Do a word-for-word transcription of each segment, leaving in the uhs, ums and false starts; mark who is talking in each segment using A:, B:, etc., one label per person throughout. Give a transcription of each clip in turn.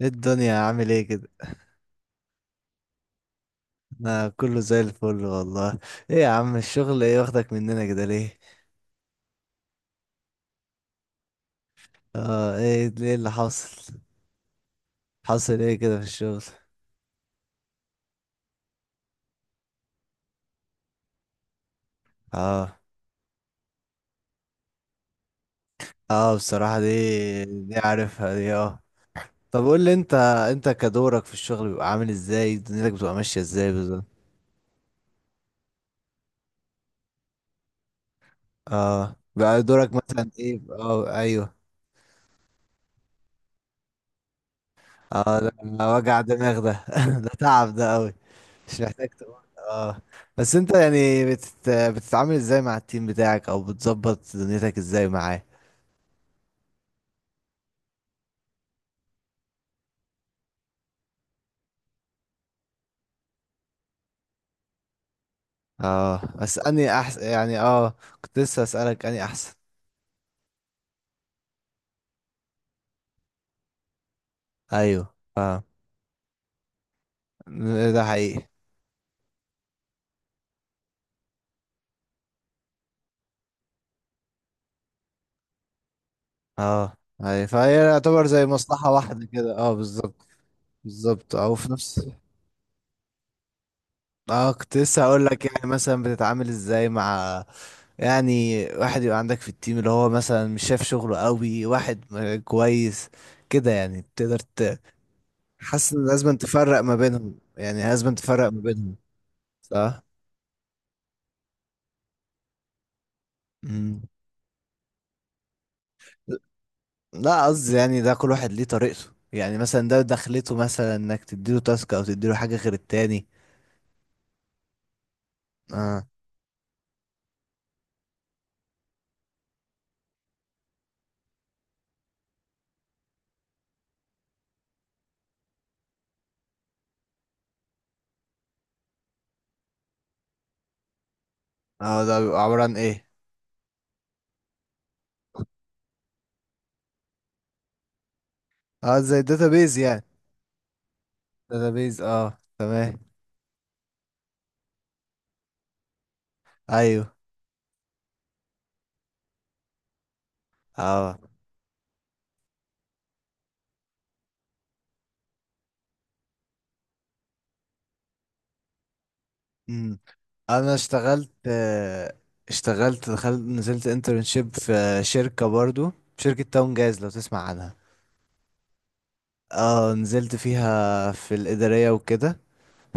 A: ايه الدنيا عامل ايه كده؟ انا كله زي الفل والله. ايه يا عم، الشغل ايه واخدك مننا كده ليه؟ اه، ايه ليه اللي حاصل؟ حاصل ايه كده في الشغل؟ اه. اه بصراحة دي دي عارفها دي، اه. طب قول لي انت، انت كدورك في الشغل بيبقى عامل ازاي؟ دنيتك بتبقى ماشية ازاي بالظبط؟ اه، بقى دورك مثلا ايه؟ اه ايوه. اه ده وجع دماغ ده ده تعب ده قوي. مش محتاج تقول. اه بس انت يعني بتت... بتتعامل ازاي مع التيم بتاعك؟ او بتظبط دنيتك ازاي معاه؟ اه، بس اني احسن يعني، اه. كنت لسه اسالك اني احسن. ايوه اه. ده حقيقي. اه ايوه، فهي يعتبر زي مصلحة واحدة كده، اه بالظبط. بالظبط او في نفس. اه كنت لسه هقول لك، يعني مثلا بتتعامل ازاي مع يعني واحد يبقى عندك في التيم اللي هو مثلا مش شايف شغله قوي، واحد م- كويس كده، يعني تقدر حاسس ان لازم تفرق ما بينهم؟ يعني لازم تفرق ما بينهم؟ صح. مم. لا قصدي يعني ده كل واحد ليه طريقته، يعني مثلا ده دخلته مثلا انك تديله تاسك او تديله حاجة غير التاني. اه. اه ده بيبقى عبارة عن ايه؟ اه زي الداتابيز يعني. داتابيز اه، تمام. ايوه. اه امم. انا اشتغلت آه، اشتغلت دخلت نزلت انترنشيب في شركة برضو، شركة تاون جاز لو تسمع عنها. اه نزلت فيها في الإدارية وكده،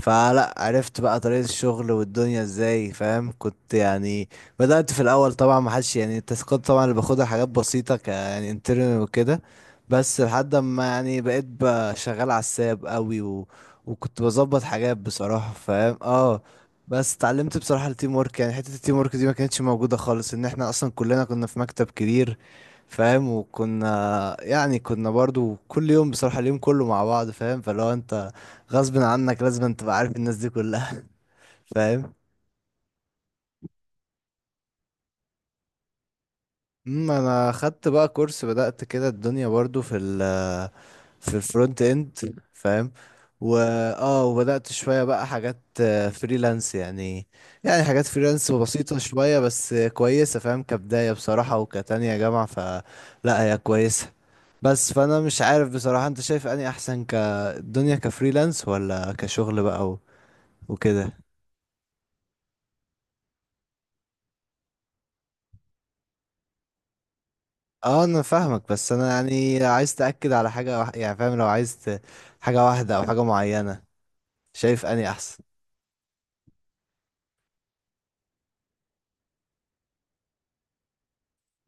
A: فلا عرفت بقى طريقة الشغل والدنيا ازاي، فاهم؟ كنت يعني بدأت في الأول طبعا ما حدش يعني، التاسكات طبعا اللي باخدها حاجات بسيطة، ك يعني انترنال وكده. بس لحد ما يعني بقيت بقى شغال على الساب قوي و... وكنت بظبط حاجات بصراحة، فاهم؟ اه. بس اتعلمت بصراحة التيم ورك، يعني حتة التيم ورك دي ما كانتش موجودة خالص، ان احنا اصلا كلنا كنا في مكتب كبير فاهم، وكنا يعني كنا برضو كل يوم بصراحة اليوم كله مع بعض، فاهم؟ فلو انت غصب عنك لازم تبقى عارف الناس دي كلها فاهم. امم، انا خدت بقى كورس، بدأت كده الدنيا برضو في ال في الفرونت اند، فاهم؟ و اه، وبدأت شوية بقى حاجات فريلانس يعني، يعني حاجات فريلانس بسيطة شوية بس كويسة فاهم، كبداية بصراحة وكتانية جامعة فلا هي كويسة. بس فانا مش عارف بصراحة، انت شايف اني احسن كالدنيا كفريلانس ولا كشغل بقى و- وكده؟ اه انا فاهمك، بس انا يعني عايز تأكد على حاجة واح... يعني فاهم، لو عايز ت... حاجة واحدة او حاجة معينة، شايف اني احسن؟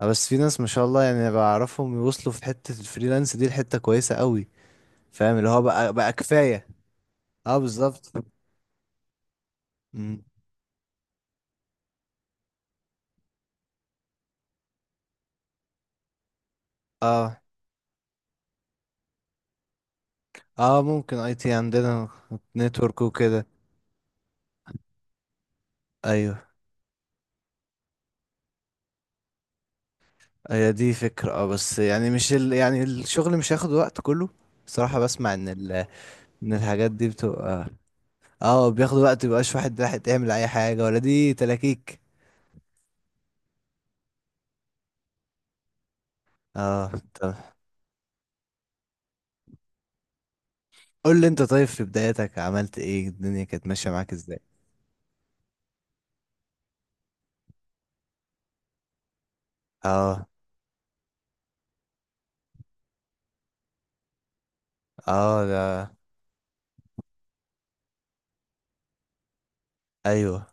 A: آه، بس في ناس ما شاء الله يعني بعرفهم يوصلوا في حتة الفريلانس دي لحتة كويسة قوي، فاهم؟ اللي هو بقى بقى كفاية. اه بالظبط. مم. اه. اه ممكن اي تي عندنا، نتورك وكده. ايوه. هي دي فكرة اه، بس يعني مش ال... يعني الشغل مش هياخد وقت كله؟ صراحة بسمع ان ال... ان الحاجات دي بتبقى اه بياخد وقت، مبيبقاش واحد راح تعمل اي حاجة، ولا دي تلاكيك؟ اه طب قول لي انت، طيب في بدايتك عملت ايه؟ الدنيا كانت ماشية معاك ازاي؟ اه. اه ده. ايوه.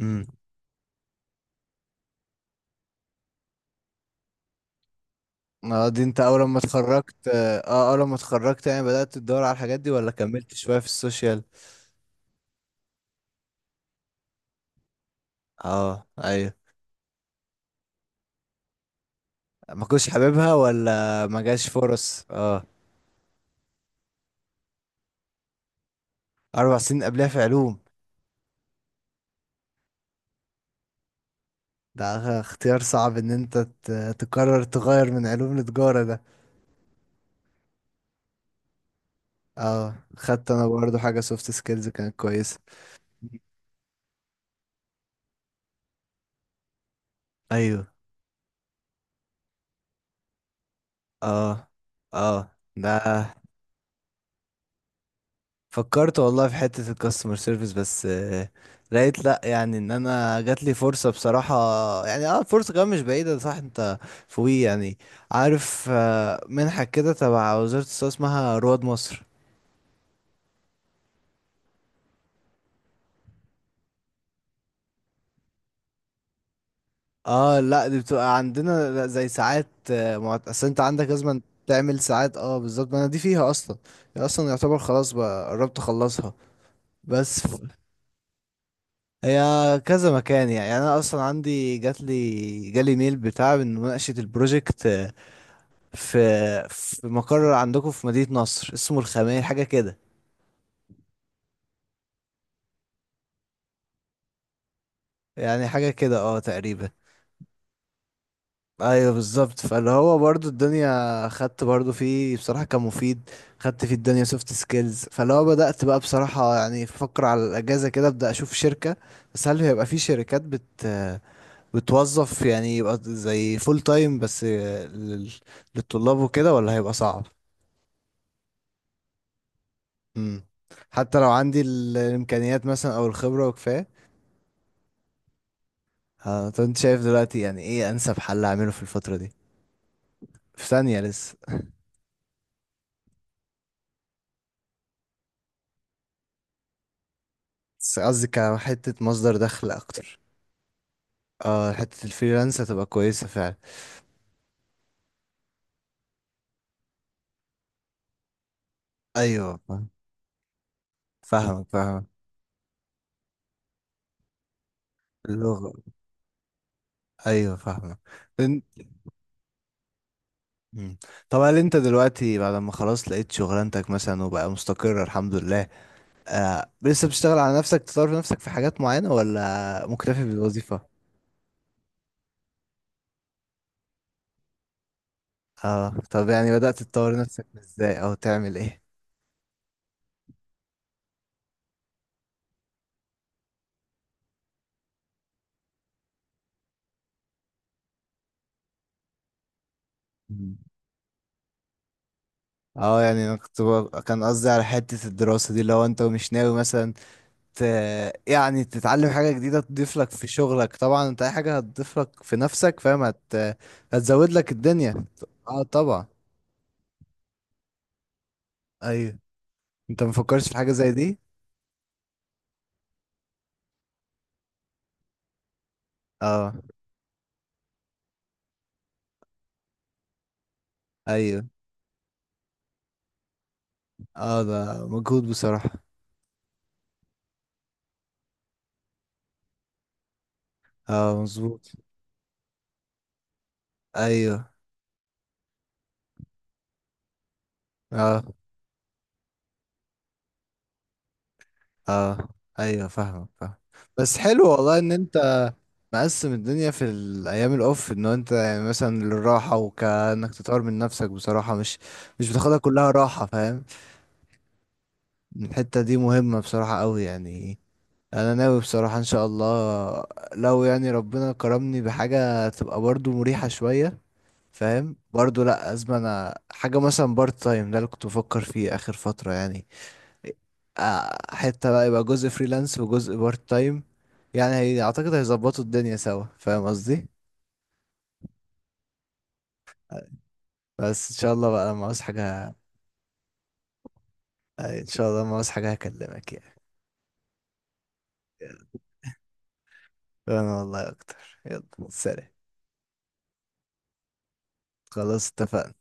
A: امم. اه دي انت اول ما اتخرجت؟ اه اول ما اتخرجت يعني بدأت تدور على الحاجات دي، ولا كملت شوية في السوشيال؟ اه ايوه. ما كنتش حاببها ولا ما جاش فرص؟ اه. اربع سنين قبلها في علوم. ده اختيار صعب ان انت ت- تقرر تغير من علوم لتجارة ده. اه. خدت انا برضو حاجة سوفت سكيلز كانت كويسة. ايوه. اه. اه ده. فكرت والله في حتة الكاستمر سيرفيس بس آه، لقيت لا، يعني ان انا جات لي فرصة بصراحة، يعني اه فرصة كمان مش بعيدة، صح؟ انت فوقي يعني، عارف آه، منحة كده تبع وزارة الصحة اسمها رواد مصر؟ اه لا، دي بتبقى عندنا زي ساعات آه، معت... اصل انت عندك لازم تعمل ساعات، اه بالظبط. ما انا دي فيها اصلا، هي اصلا يعتبر خلاص بقى، قربت اخلصها. بس ف- هي كذا مكان يعني، يعني انا اصلا عندي جات لي جالي ميل بتاع من مناقشه البروجكت آه، في في مقر عندكم في مدينه نصر اسمه الخميل حاجه كده. يعني حاجه كده اه تقريبا. ايوه بالظبط، فاللي هو برضو الدنيا خدت برضو فيه بصراحه كان مفيد، خدت فيه الدنيا سوفت سكيلز. فاللي هو بدات بقى بصراحه يعني افكر على الاجازه كده ابدا اشوف شركه. بس هل هيبقى في شركات بت بتوظف يعني، يبقى زي فول تايم بس لل- للطلاب وكده، ولا هيبقى صعب؟ امم. حتى لو عندي ال- الامكانيات مثلا او الخبرة وكفاية؟ آه، طب انت شايف دلوقتي يعني ايه انسب حل اعمله في الفترة دي؟ في ثانية لسه. بس قصدي كحتة مصدر دخل اكتر. اه حتة الفريلانس هتبقى كويسة فعلا. ايوه فاهم. فاهمك فاهمك. اللغة. ايوه فاهمك. إن- مم. طب هل انت دلوقتي بعد ما خلاص لقيت شغلانتك مثلا وبقى مستقر الحمد لله، آه لسه بتشتغل على نفسك تطور في نفسك في حاجات معينة، ولا مكتفي بالوظيفة؟ اه طب يعني بدأت تطور نفسك ازاي او تعمل ايه؟ مم. اه يعني انا كنت ب... كان قصدي على حتة الدراسة دي، لو انت مش ناوي مثلا ت... يعني تتعلم حاجة جديدة تضيف لك في شغلك، طبعا انت اي حاجة هتضيف لك في نفسك فاهم هت... هتزود لك الدنيا. اه طبعا. ايوه. انت مفكرش في حاجة زي دي؟ اه. ايوه. اه ده مجهود بصراحة. اه مظبوط. ايوه. اه. اه ايوه فاهمك فاهم. بس حلو والله ان انت مقسم الدنيا، في الايام الاوف ان انت يعني مثلا للراحه وكانك تطور من نفسك بصراحه، مش مش بتاخدها كلها راحه فاهم. الحته دي مهمه بصراحه قوي يعني. انا ناوي بصراحه ان شاء الله لو يعني ربنا كرمني بحاجه تبقى برضو مريحه شويه فاهم، برضو لا ازمه انا حاجه مثلا بارت تايم، ده اللي كنت بفكر فيه اخر فتره يعني. آه، حتة بقى يبقى جزء فريلانس وجزء بارت تايم، يعني هي اعتقد هيظبطوا الدنيا سوا، فاهم قصدي؟ بس ان شاء الله بقى لما عاوز حاجة، آه، ان شاء الله لما عاوز حاجة هكلمك يعني. انا والله اكتر، يلا سلام. خلاص اتفقنا.